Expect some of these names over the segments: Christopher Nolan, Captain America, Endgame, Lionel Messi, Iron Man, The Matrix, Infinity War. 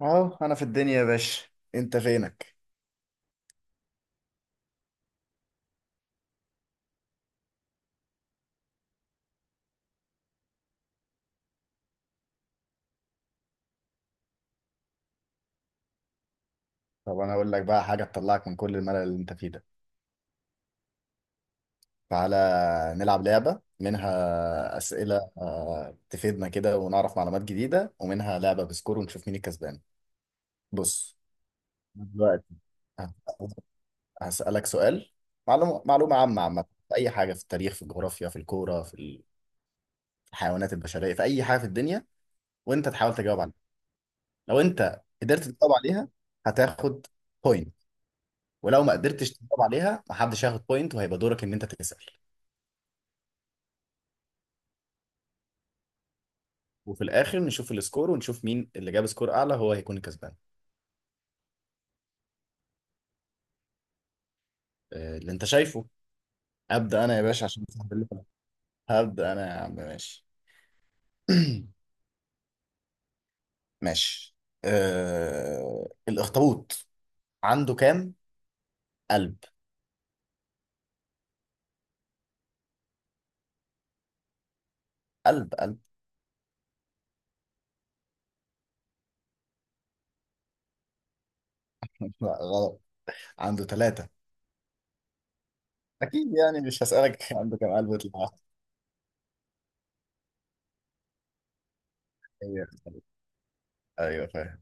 اهو انا في الدنيا يا باشا. انت فينك؟ طب انا اقول لك بقى حاجه تطلعك من كل الملل اللي انت فيه ده. تعالى نلعب لعبه، منها اسئله تفيدنا كده ونعرف معلومات جديده، ومنها لعبه بسكور ونشوف مين الكسبان. بص دلوقتي، هسالك سؤال. معلومه عامه في اي حاجه، في التاريخ، في الجغرافيا، في الكوره، في الحيوانات البشريه، في اي حاجه في الدنيا. وانت تحاول تجاوب عليها. لو انت قدرت تجاوب عليها هتاخد بوينت، ولو ما قدرتش تجاوب عليها محدش هياخد بوينت، وهيبقى دورك ان انت تسأل. وفي الاخر نشوف السكور ونشوف مين اللي جاب سكور اعلى، هو هيكون الكسبان. اللي انت شايفه. ابدا انا يا باشا عشان صاحب اللي فات. هبدا انا يا عم، ماشي. ماشي. الاخطبوط عنده كام قلب؟ قلب، قلب. لا، غلط. عنده ثلاثة. أكيد يعني مش هسألك عنده كام قلب يطلع أيوه. أيوه، فاهم.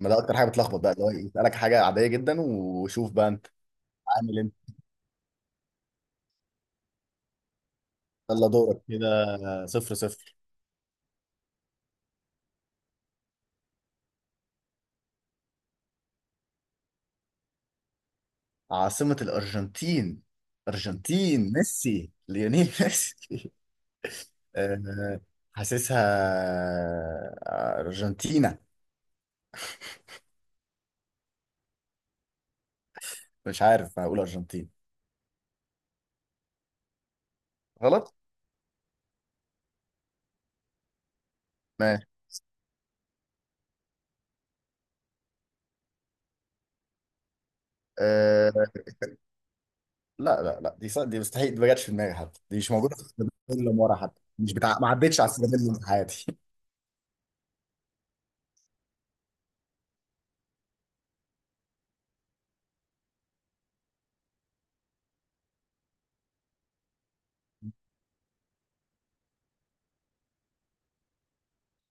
ما ده أكتر حاجة بتلخبط بقى، اللي هو يسألك حاجة عادية جدا وشوف بقى أنت عامل إيه. يلا دورك كده. صفر صفر. عاصمة الأرجنتين. أرجنتين، ميسي، ليونيل ميسي. آه، حاسسها أرجنتينا. مش عارف، هقول أرجنتين. غلط. ماشي أه. لا لا لا، دي دي مستحيل. دي ما جاتش في دماغي حتى. دي مش موجودة في السلم اللي ورا حتى، مش بتاع. ما عدتش على السلم اللي في حياتي.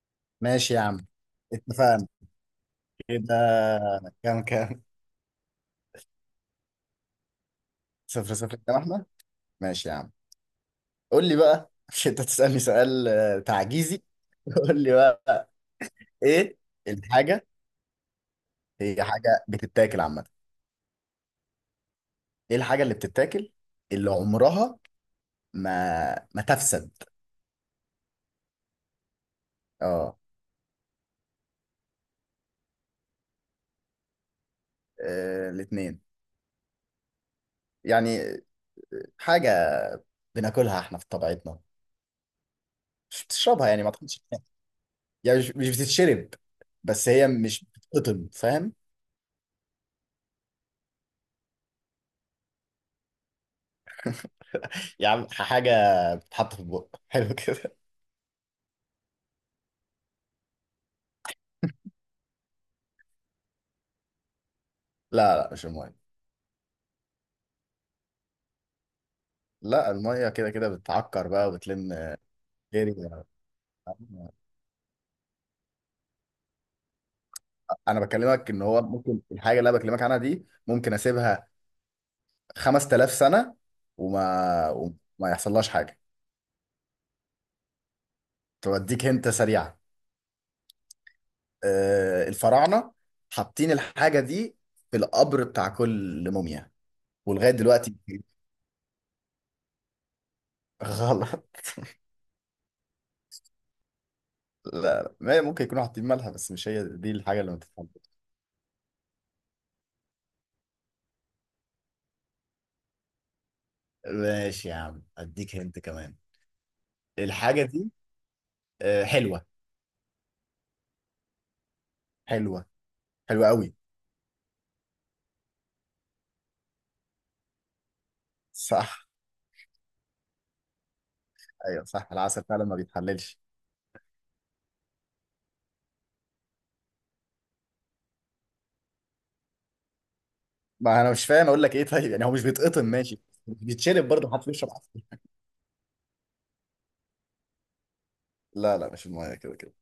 ماشي يا عم. اتفقنا كده. كام كام؟ صفر صفر. كام احنا؟ ماشي يا عم. قول لي بقى، مش انت تسألني سؤال تعجيزي. قول لي بقى. ايه الحاجة هي؟ حاجة بتتاكل عامة. ايه الحاجة اللي بتتاكل اللي عمرها ما تفسد؟ اه. الاتنين. يعني حاجة بناكلها احنا في طبيعتنا. مش بتشربها يعني، ما تاخدش. يعني مش بتتشرب، بس هي مش بتتقطم، فاهم؟ يعني حاجة بتتحط في البق. حلو كده. لا لا، مش المية. لا، المية كده كده بتعكر بقى وبتلم جري. انا بكلمك ان هو ممكن الحاجه اللي انا بكلمك عنها دي، ممكن اسيبها 5,000 سنه وما يحصلهاش حاجه. توديك هنت سريعه. الفراعنه حاطين الحاجه دي في القبر بتاع كل موميا، ولغايه دلوقتي. غلط. لا لا، ما ممكن يكونوا حاطين مالها، بس مش هي دي الحاجه اللي ما تتحبش. ماشي يا عم، اديك هنت كمان. الحاجه دي حلوه، حلوه، حلوه قوي. صح. ايوه صح، العسل فعلا ما بيتحللش. ما انا مش فاهم اقول لك ايه طيب، يعني هو مش بيتقطم، ماشي. بيتشرب برضه، محدش بيشرب عسل. لا لا، مش المايه كده كده.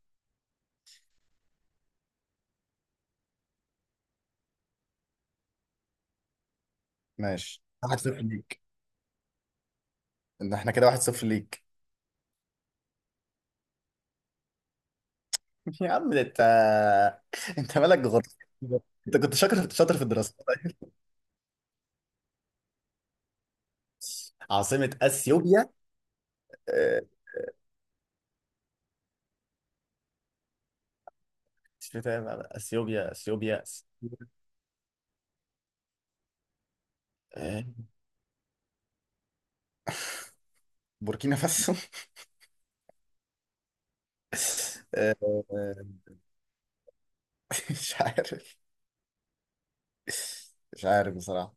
ماشي، واحد صفر ليك. ان احنا كده واحد صفر ليك. يا عم ده انت. انت مالك غلط؟ انت كنت شاطر شاطر في الدراسه. عاصمة اثيوبيا. آه، مش فاهم أنا. اثيوبيا، اثيوبيا. آه، بوركينا فاسو. آه، مش عارف. مش عارف بصراحة.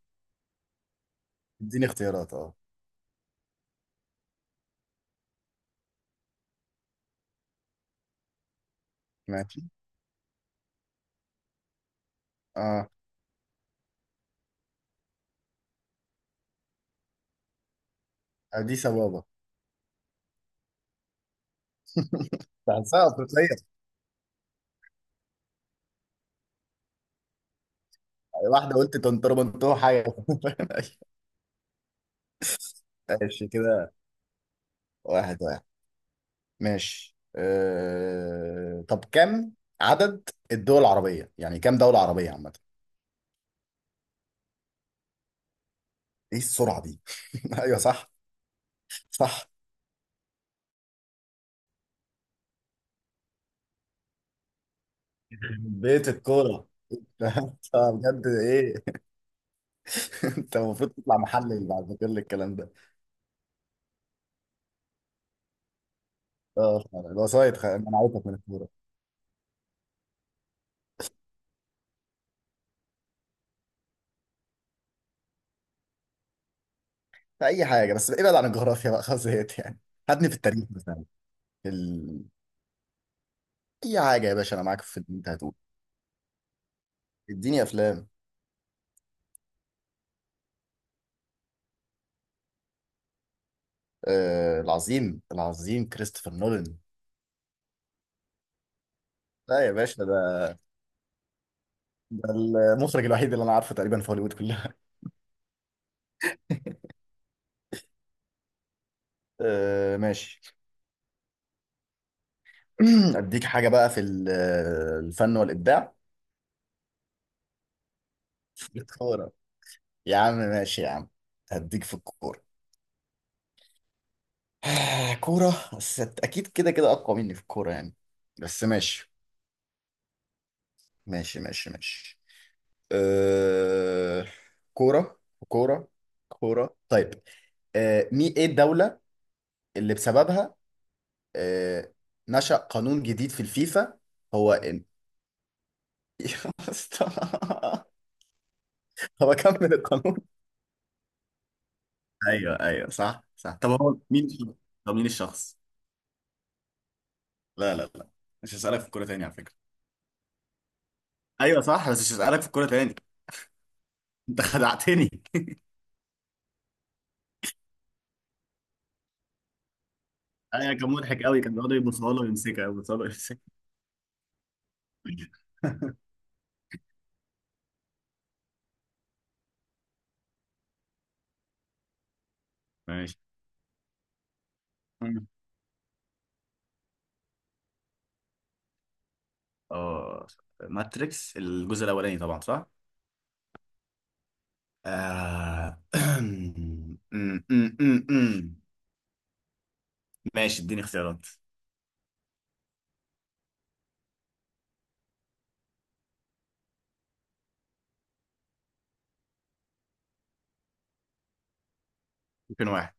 اديني اختيارات، اه. ماشي، اه، اديس ابابا. بحسها افريقية. واحدة قلت تنطر منطور حاجة. ماشي كده، واحد واحد. ماشي. طب كم عدد الدول العربية؟ يعني كم دولة عربية عامة. ايه السرعة دي؟ ايوه صح. صح، بيت الكورة. طب بجد ايه؟ انت المفروض تطلع محلل بعد كل الكلام ده. اه فعلا. الوسايط انا عارفك من الكورة. في اي حاجة، بس ابعد عن الجغرافيا بقى، خلاص زهقت يعني. هاتني في التاريخ مثلا. في ال... اي حاجة يا باشا، انا معاك في اللي انت هتقوله. اديني افلام. العظيم، العظيم كريستوفر نولان. لا يا باشا، ده ده المخرج الوحيد اللي انا عارفه تقريبا في هوليوود كلها. ماشي. اديك حاجه بقى الفن والابداع. في الكوره؟ يا عم ماشي يا عم، هديك في الكوره. كوره، بس اكيد كده كده اقوى مني في الكوره يعني، بس ماشي. ماشي ماشي ماشي آه، كوره كوره كوره، طيب. مي ايه الدولة اللي بسببها آه، نشأ قانون جديد في الفيفا؟ هو يا اسطى، طب اكمل القانون. ايوه، ايوه، صح، صح. طب هو مين الشخص؟ طب مين الشخص؟ لا لا لا، مش هسألك في الكورة تاني على فكرة. ايوه صح، بس مش هسألك في الكورة تاني. انت خدعتني. ايوه كان مضحك قوي، كان بيقعدوا يبصوا له ويمسكها، يبصوا له ويمسكها. ماشي. مم. اه، ماتريكس الجزء الاولاني طبعا، صح؟ آه... أم، أم، أم، أم، أم. ماشي، اديني اختيارات. ممكن واحد.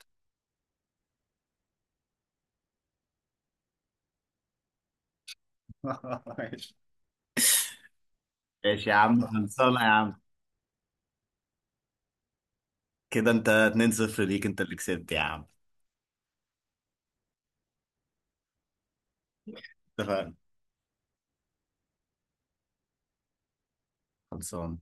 ماشي. ماشي يا عم، خلصانة يا عم. كده انت 2-0 ليك، انت اللي كسبت يا عم. اتفقنا، خلصان.